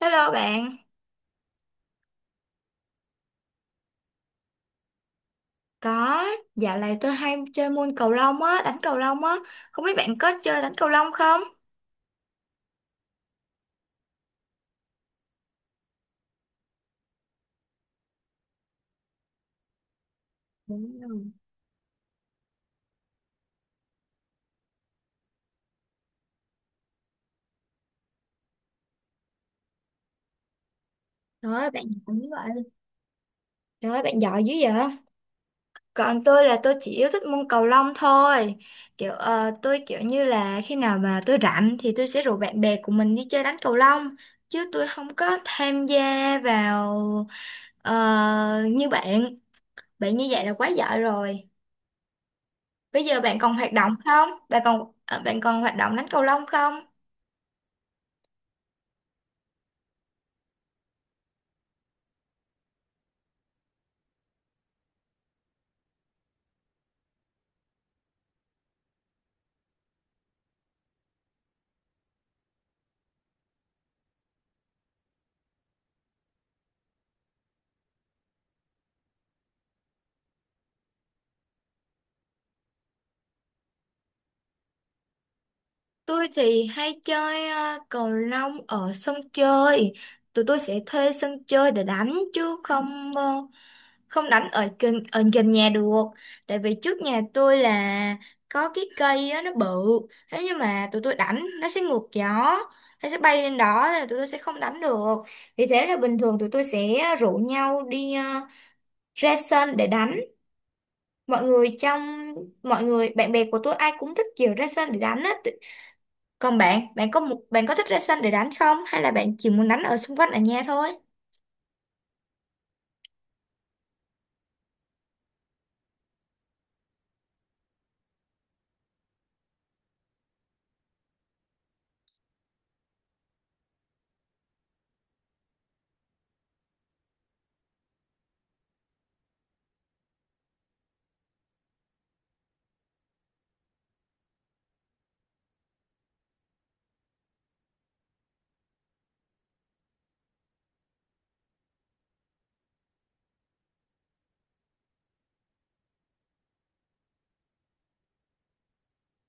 Hello bạn, có dạo này tôi hay chơi môn cầu lông á, đánh cầu lông á, không biết bạn có chơi đánh cầu lông không? Đúng rồi. Trời ơi, bạn giỏi dữ vậy. Trời ơi, bạn giỏi dữ vậy. Còn tôi là tôi chỉ yêu thích môn cầu lông thôi, kiểu tôi kiểu như là khi nào mà tôi rảnh thì tôi sẽ rủ bạn bè của mình đi chơi đánh cầu lông, chứ tôi không có tham gia vào như bạn, bạn như vậy là quá giỏi rồi. Bây giờ bạn còn hoạt động không? Bạn còn hoạt động đánh cầu lông không? Tôi thì hay chơi cầu lông ở sân chơi. Tụi tôi sẽ thuê sân chơi để đánh chứ không đánh ở gần nhà được. Tại vì trước nhà tôi là có cái cây á, nó bự. Thế nhưng mà tụi tôi đánh nó sẽ ngược gió, nó sẽ bay lên đó nên là tụi tôi sẽ không đánh được. Vì thế là bình thường tụi tôi sẽ rủ nhau đi ra sân để đánh. mọi người trong Mọi người bạn bè của tôi ai cũng thích kiểu ra sân để đánh á. Còn bạn bạn có một bạn có thích ra sân để đánh không hay là bạn chỉ muốn đánh ở xung quanh ở nhà thôi?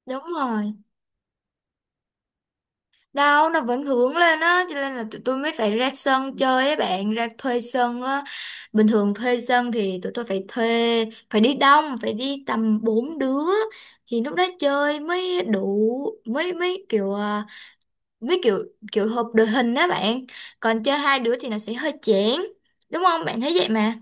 Đúng rồi, đâu nó vẫn hướng lên á, cho nên là tụi tôi mới phải ra sân chơi á bạn, ra thuê sân á. Bình thường thuê sân thì tụi tôi phải thuê, phải đi đông, phải đi tầm 4 đứa. Thì lúc đó chơi mới đủ, mới mới kiểu với kiểu kiểu hợp đội hình đó bạn. Còn chơi hai đứa thì nó sẽ hơi chán, đúng không bạn thấy vậy mà.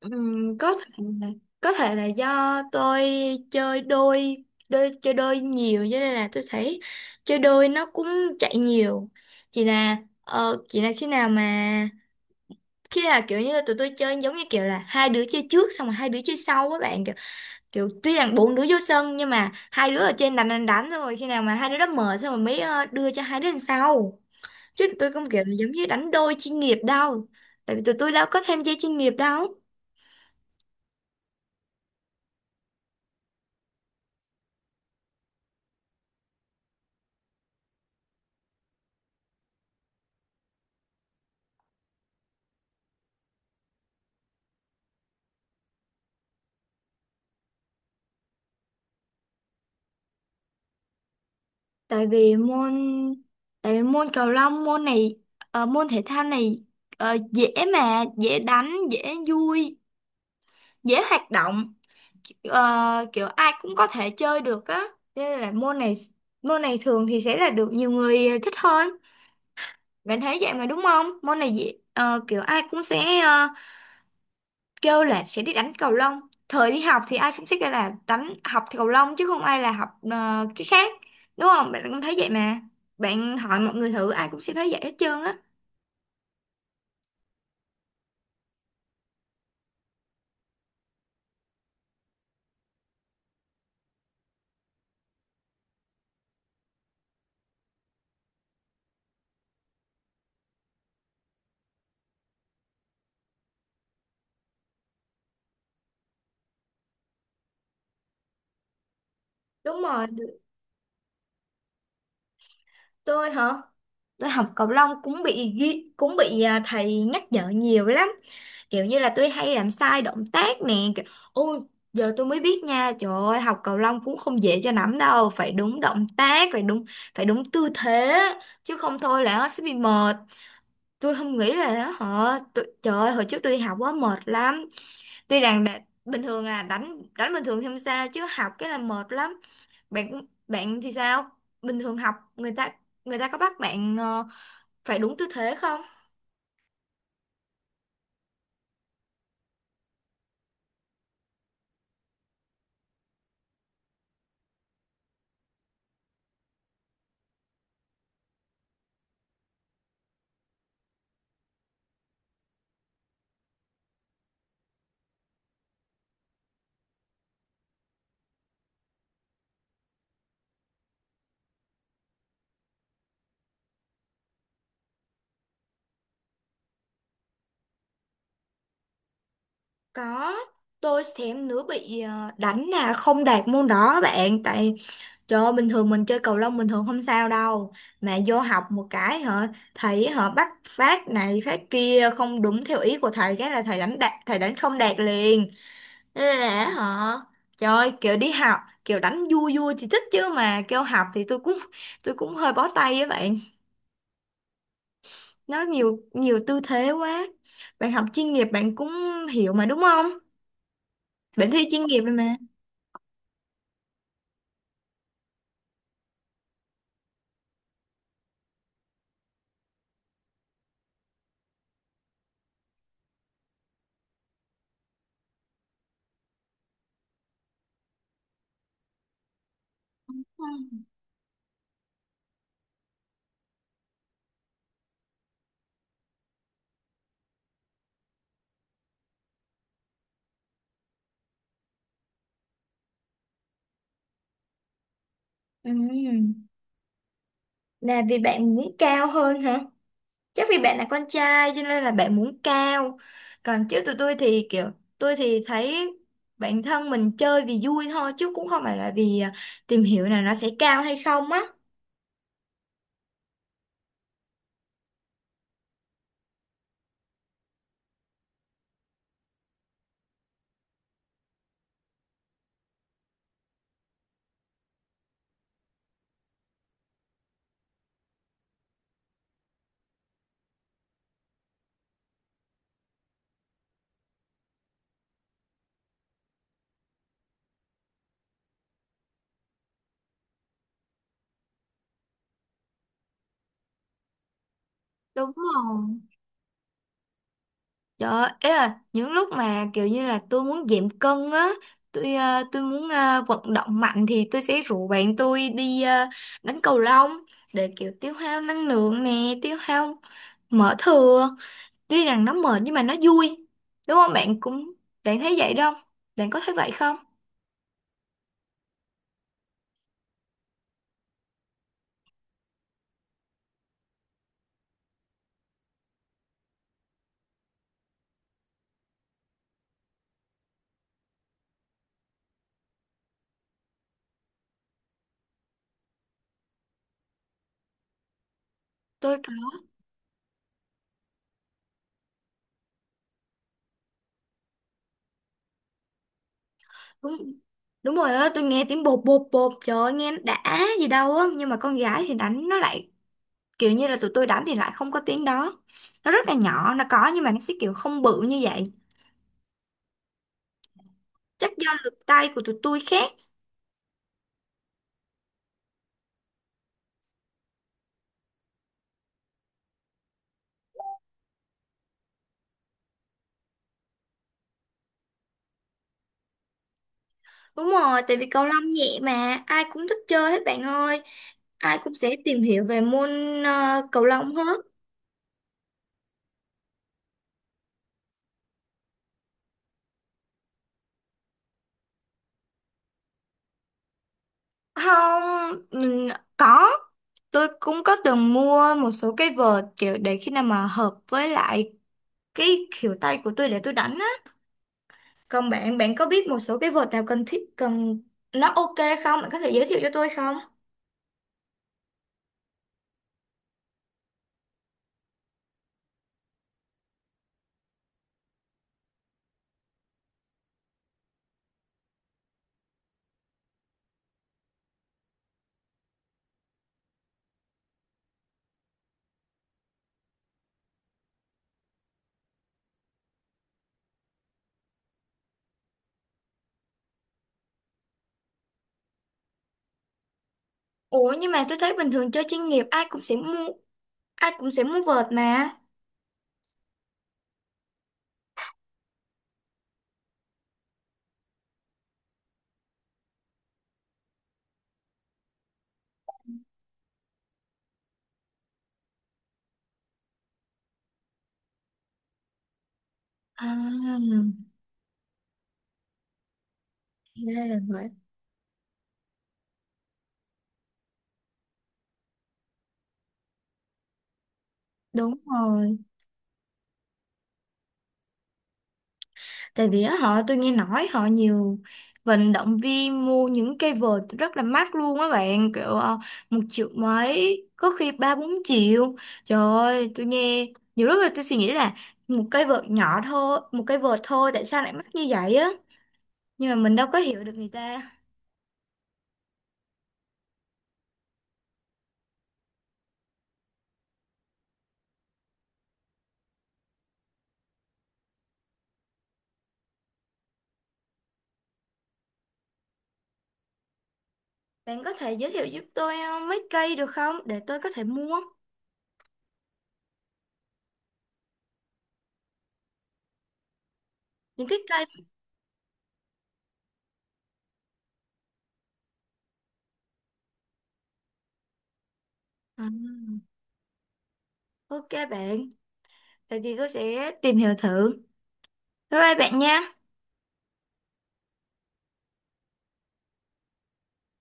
Ừm, có thể là, có thể là do tôi chơi đôi. Chơi đôi nhiều cho nên là tôi thấy chơi đôi nó cũng chạy nhiều, chỉ là khi nào mà khi là kiểu như là tụi tôi chơi giống như kiểu là hai đứa chơi trước xong rồi hai đứa chơi sau á bạn, kiểu, kiểu tuy rằng bốn đứa vô sân nhưng mà hai đứa ở trên đánh đánh đánh xong rồi khi nào mà hai đứa đó mở xong rồi mới đưa cho hai đứa đằng sau, chứ tụi tôi không kiểu là giống như đánh đôi chuyên nghiệp đâu, tại vì tụi tôi đâu có tham gia chuyên nghiệp đâu. tại vì môn Tại vì môn cầu lông, môn này môn thể thao này dễ mà, dễ đánh, dễ vui, dễ hoạt động. Kiểu ai cũng có thể chơi được á. Cho nên là môn này thường thì sẽ là được nhiều người thích hơn. Bạn thấy vậy mà đúng không, môn này dễ kiểu ai cũng sẽ kêu là sẽ đi đánh cầu lông. Thời đi học thì ai cũng sẽ kêu là đánh học thì cầu lông chứ không ai là học cái khác, đúng không bạn cũng thấy vậy mà. Bạn hỏi mọi người thử ai cũng sẽ thấy vậy hết trơn á. Đúng rồi được. Tôi hả? Tôi học cầu lông cũng bị ghi, cũng bị thầy nhắc nhở nhiều lắm, kiểu như là tôi hay làm sai động tác nè, kiểu ôi, giờ tôi mới biết nha, trời ơi học cầu lông cũng không dễ cho lắm, đâu phải đúng động tác, phải đúng tư thế chứ không thôi là nó sẽ bị mờ. Tôi không nghĩ là nó họ tôi, trời ơi, hồi trước tôi đi học quá mệt lắm. tuy rằng đã, Bình thường là đánh đánh bình thường thì không sao chứ học cái là mệt lắm. Bạn bạn thì sao, bình thường học người ta có bắt bạn phải đúng tư thế không? Có, tôi thèm nữa bị đánh là không đạt môn đó bạn. Tại trời ơi, bình thường mình chơi cầu lông bình thường không sao đâu, mà vô học một cái hả, thầy họ bắt phát này phát kia không đúng theo ý của thầy cái là thầy đánh đạt, thầy đánh không đạt liền. Ê, lẽ hả? Trời ơi, kiểu đi học, kiểu đánh vui vui thì thích chứ mà kêu học thì tôi cũng hơi bó tay với bạn. Nó nhiều nhiều tư thế quá. Bạn học chuyên nghiệp bạn cũng hiểu mà đúng không? Bạn thi chuyên nghiệp rồi mà. Ừ. Là vì bạn muốn cao hơn hả? Chắc vì bạn là con trai cho nên là bạn muốn cao. Còn chứ tụi tôi thì kiểu tôi thì thấy bản thân mình chơi vì vui thôi chứ cũng không phải là vì tìm hiểu là nó sẽ cao hay không á. Đúng rồi. Trời ấy là những lúc mà kiểu như là tôi muốn giảm cân á, tôi muốn vận động mạnh thì tôi sẽ rủ bạn tôi đi đánh cầu lông để kiểu tiêu hao năng lượng nè, tiêu hao mỡ thừa. Tuy rằng nó mệt nhưng mà nó vui. Đúng không? Bạn cũng bạn thấy vậy đâu? Bạn có thấy vậy không? Tôi đúng đúng rồi á, tôi nghe tiếng bột bột bột trời ơi, nghe nó đã gì đâu á, nhưng mà con gái thì đánh nó lại kiểu như là tụi tôi đánh thì lại không có tiếng đó, nó rất là nhỏ, nó có nhưng mà nó sẽ kiểu không bự như vậy, chắc do lực tay của tụi tôi khác. Đúng rồi, tại vì cầu lông nhẹ mà ai cũng thích chơi hết bạn ơi, ai cũng sẽ tìm hiểu về môn cầu lông hết. Không. Ừ. Có, tôi cũng có từng mua một số cái vợt kiểu để khi nào mà hợp với lại cái kiểu tay của tôi để tôi đánh á. Còn bạn bạn có biết một số cái vợt nào cần thiết, cần nó OK không, bạn có thể giới thiệu cho tôi không? Ủa nhưng mà tôi thấy bình thường chơi chuyên nghiệp ai cũng sẽ mua vợt mà. À, ra là vậy. Đúng rồi. Tại vì á, họ tôi nghe nói nhiều vận động viên mua những cây vợt rất là mắc luôn á bạn, kiểu 1 triệu mấy, có khi 3, 4 triệu. Trời ơi, tôi nghe nhiều lúc là tôi suy nghĩ là một cây vợt nhỏ thôi, một cây vợt thôi tại sao lại mắc như vậy á? Nhưng mà mình đâu có hiểu được người ta. Bạn có thể giới thiệu giúp tôi mấy cây được không để tôi có thể mua? Những cái cây À, OK bạn, vậy thì tôi sẽ tìm hiểu thử, bye bye bạn nha.